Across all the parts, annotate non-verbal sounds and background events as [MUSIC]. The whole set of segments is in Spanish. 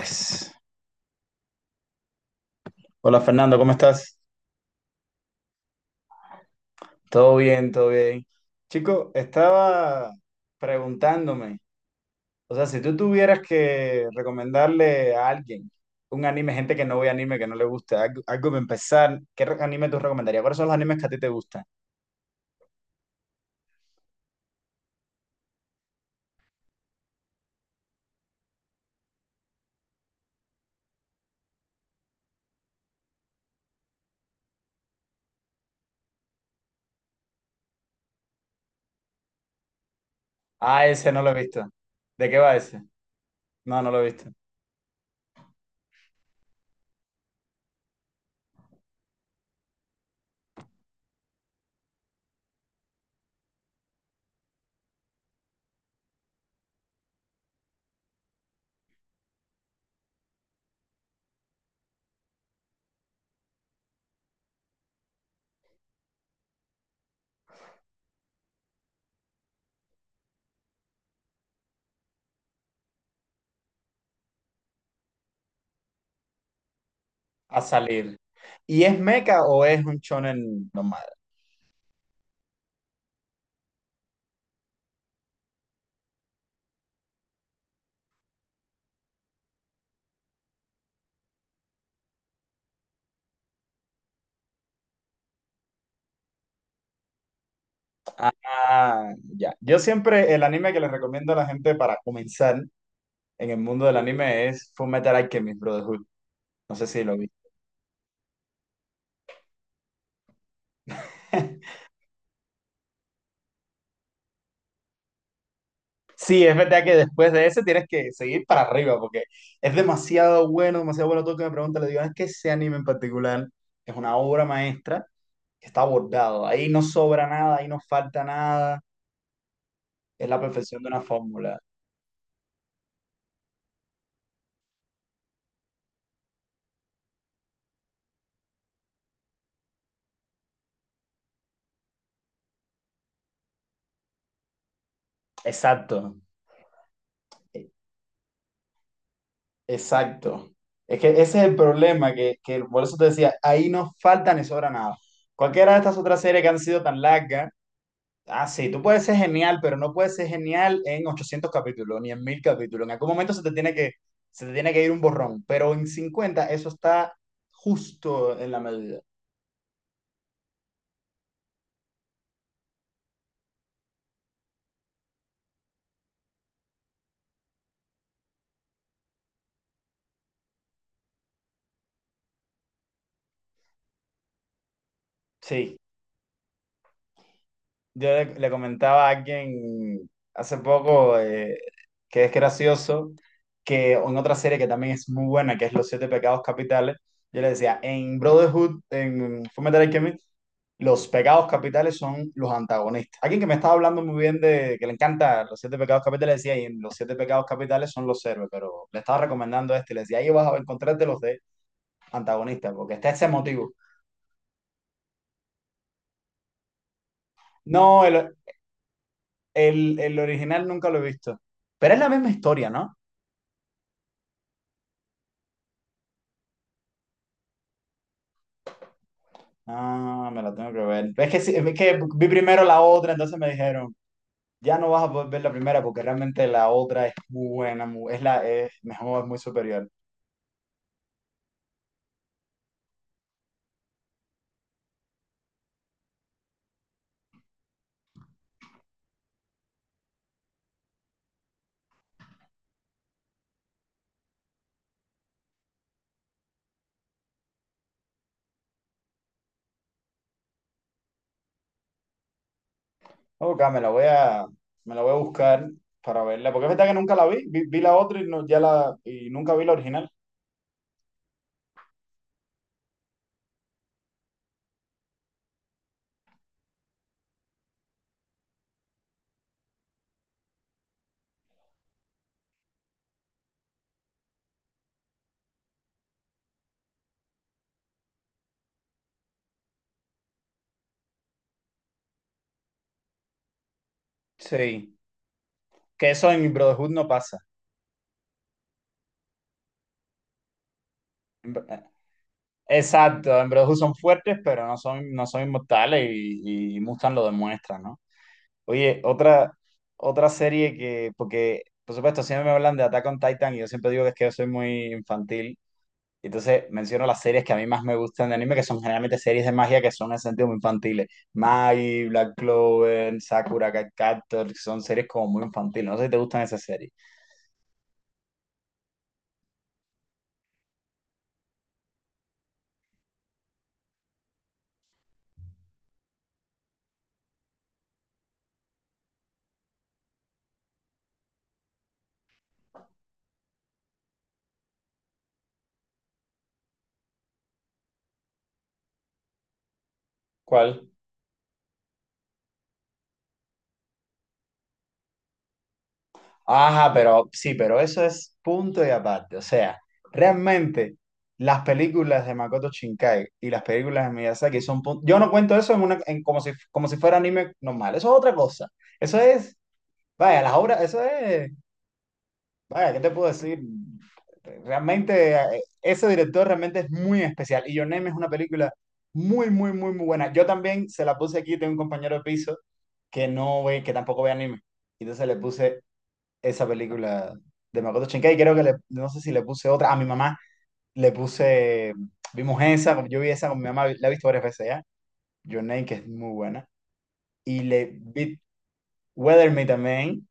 Yes. Hola Fernando, ¿cómo estás? Todo bien, todo bien. Chico, estaba preguntándome, o sea, si tú tuvieras que recomendarle a alguien un anime, gente que no ve anime, que no le gusta, algo, algo para empezar, anime tú recomendarías? ¿Cuáles son los animes que a ti te gustan? Ah, ese no lo he visto. ¿De qué va ese? No, no lo he visto. A salir. ¿Y es mecha o es un shonen normal? Ah, ya. Yo siempre el anime que les recomiendo a la gente para comenzar en el mundo del anime es Fullmetal Alchemist Brotherhood. No sé si lo vi. [LAUGHS] Sí, es verdad que después de ese tienes que seguir para arriba porque es demasiado bueno, demasiado bueno. Todo el que me pregunta, le digo, es que ese anime en particular es una obra maestra que está abordado. Ahí no sobra nada, ahí no falta nada. Es la perfección de una fórmula. Exacto, e- exacto. Es que ese es el problema, que por eso te decía, ahí no falta ni sobra nada. Cualquiera de estas otras series que han sido tan largas. Ah, sí, tú puedes ser genial, pero no puedes ser genial en 800 capítulos, ni en 1000 capítulos. En algún momento se te tiene que ir un borrón, pero en cincuenta eso está justo en la medida. Sí. Yo le comentaba a alguien hace poco que es gracioso que en otra serie que también es muy buena, que es Los Siete Pecados Capitales, yo le decía, en Brotherhood, en Fullmetal Alchemist, los pecados capitales son los antagonistas. Alguien que me estaba hablando muy bien de que le encanta Los Siete Pecados Capitales, decía, y en Los Siete Pecados Capitales son los héroes, pero le estaba recomendando este, y le decía, ahí vas a encontrarte los de antagonistas, porque está ese motivo. No, el original nunca lo he visto, pero es la misma historia, ¿no? Ah, me la tengo que ver. Es que, sí, es que vi primero la otra, entonces me dijeron, ya no vas a poder ver la primera porque realmente la otra es muy buena, es la es mejor, es muy superior. Ok, me la voy a buscar para verla, porque es verdad que nunca la vi, vi la otra y, no, ya la, y nunca vi la original. Sí, que eso en Brotherhood no pasa. En Bro- eh, Exacto, en Brotherhood son fuertes, pero no son, no son inmortales y Mustang lo demuestra, ¿no? Oye, otra, otra serie que, porque por supuesto siempre me hablan de Attack on Titan y yo siempre digo que es que yo soy muy infantil. Y entonces menciono las series que a mí más me gustan de anime, que son generalmente series de magia que son en el sentido muy infantiles. Mai, Black Clover, Sakura Card Captor, son series como muy infantiles. No sé si te gustan esas series. ¿Cuál? Ajá, pero sí, pero eso es punto y aparte. O sea, realmente las películas de Makoto Shinkai y las películas de Miyazaki son punto. Yo no cuento eso en una, en como si fuera anime normal. Eso es otra cosa. Eso es, vaya, las obras, eso es, vaya, ¿qué te puedo decir? Realmente, ese director realmente es muy especial. Y Your Name es una película muy, muy, muy, muy buena. Yo también se la puse aquí, tengo un compañero de piso que tampoco ve anime. Entonces le puse esa película de Makoto Shinkai. Creo que le, no sé si le puse otra. A mi mamá le puse, vimos esa, yo vi esa con mi mamá, la he visto varias veces ya. Your Name, que es muy buena. Y le vi Weather Me también.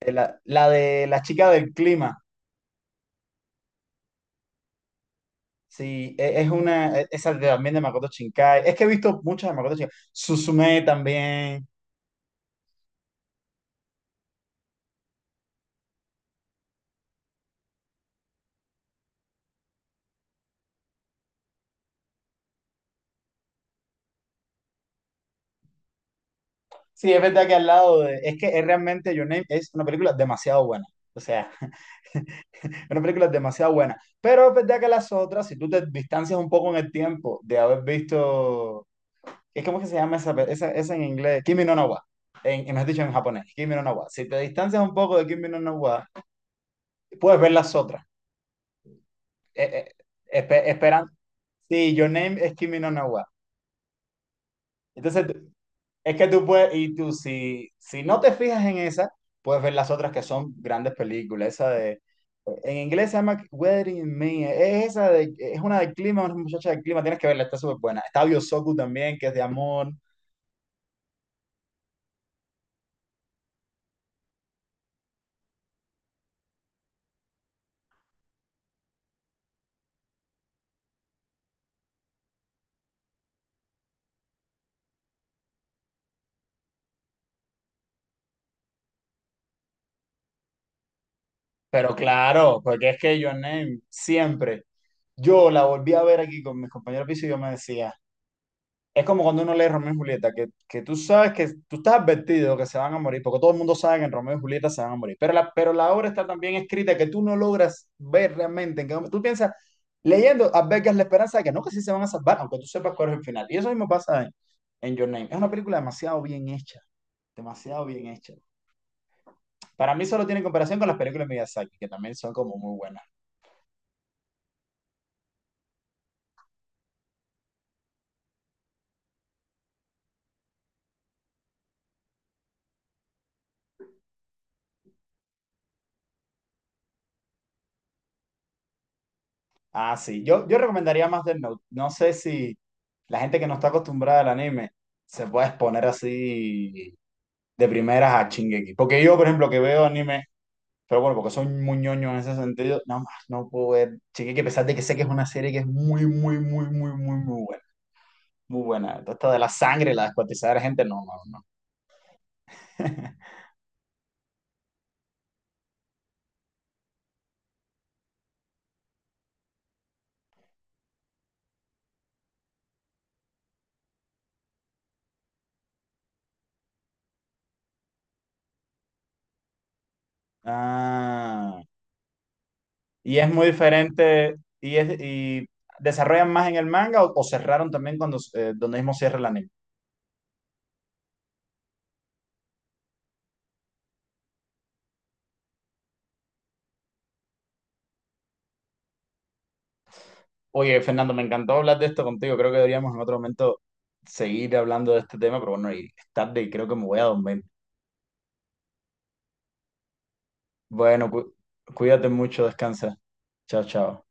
La, la de la chica del clima. Sí, es una, esa también de Makoto Shinkai. Es que he visto muchas de Makoto Shinkai. Suzume también. Sí, es verdad que al lado de, es que es realmente Your Name es una película demasiado buena. O sea, una película demasiado buena. Pero es verdad que las otras, si tú te distancias un poco en el tiempo de haber visto. ¿Es como que se llama esa, esa en inglés? Kimi no na wa. Mejor dicho, en japonés. Kimi no na wa. Si te distancias un poco de Kimi no na wa, puedes ver las otras. Eh, esperan. Sí, Your Name es Kimi no na wa. Entonces, es que tú puedes, y tú si, si no te fijas en esa, puedes ver las otras que son grandes películas. Esa de, en inglés se llama Weathering in Me, es esa de, es una del clima, una muchacha del clima, tienes que verla, está súper buena. Está Biosoku también, que es de amor, pero claro, porque es que Your Name siempre, yo la volví a ver aquí con mis compañeros de piso y yo me decía, es como cuando uno lee Romeo y Julieta, que tú sabes que tú estás advertido que se van a morir, porque todo el mundo sabe que en Romeo y Julieta se van a morir. Pero la obra está tan bien escrita que tú no logras ver realmente en qué momento. Tú piensas, leyendo, albergas la esperanza de que no, que sí se van a salvar, aunque tú sepas cuál es el final. Y eso mismo pasa en Your Name. Es una película demasiado bien hecha, demasiado bien hecha. Para mí solo tiene comparación con las películas de Miyazaki, que también son como muy buenas. Ah, sí. Yo recomendaría más Death Note. No sé si la gente que no está acostumbrada al anime se puede exponer así de primeras a Shingeki. Porque yo, por ejemplo, que veo anime, pero bueno, porque soy muy ñoño en ese sentido, no puedo ver Shingeki, a pesar de que sé que es una serie que es muy, muy, muy, muy, muy, muy buena. Muy buena. Todo esto de la sangre, la descuartizada de la gente, no, no, no. [LAUGHS] Ah, y es muy diferente, y es, y desarrollan más en el manga o cerraron también cuando donde mismo cierra el anime. Oye, Fernando, me encantó hablar de esto contigo. Creo que deberíamos en otro momento seguir hablando de este tema, pero bueno, y es tarde y creo que me voy a dormir. Bueno, cuídate mucho, descansa. Chao, chao.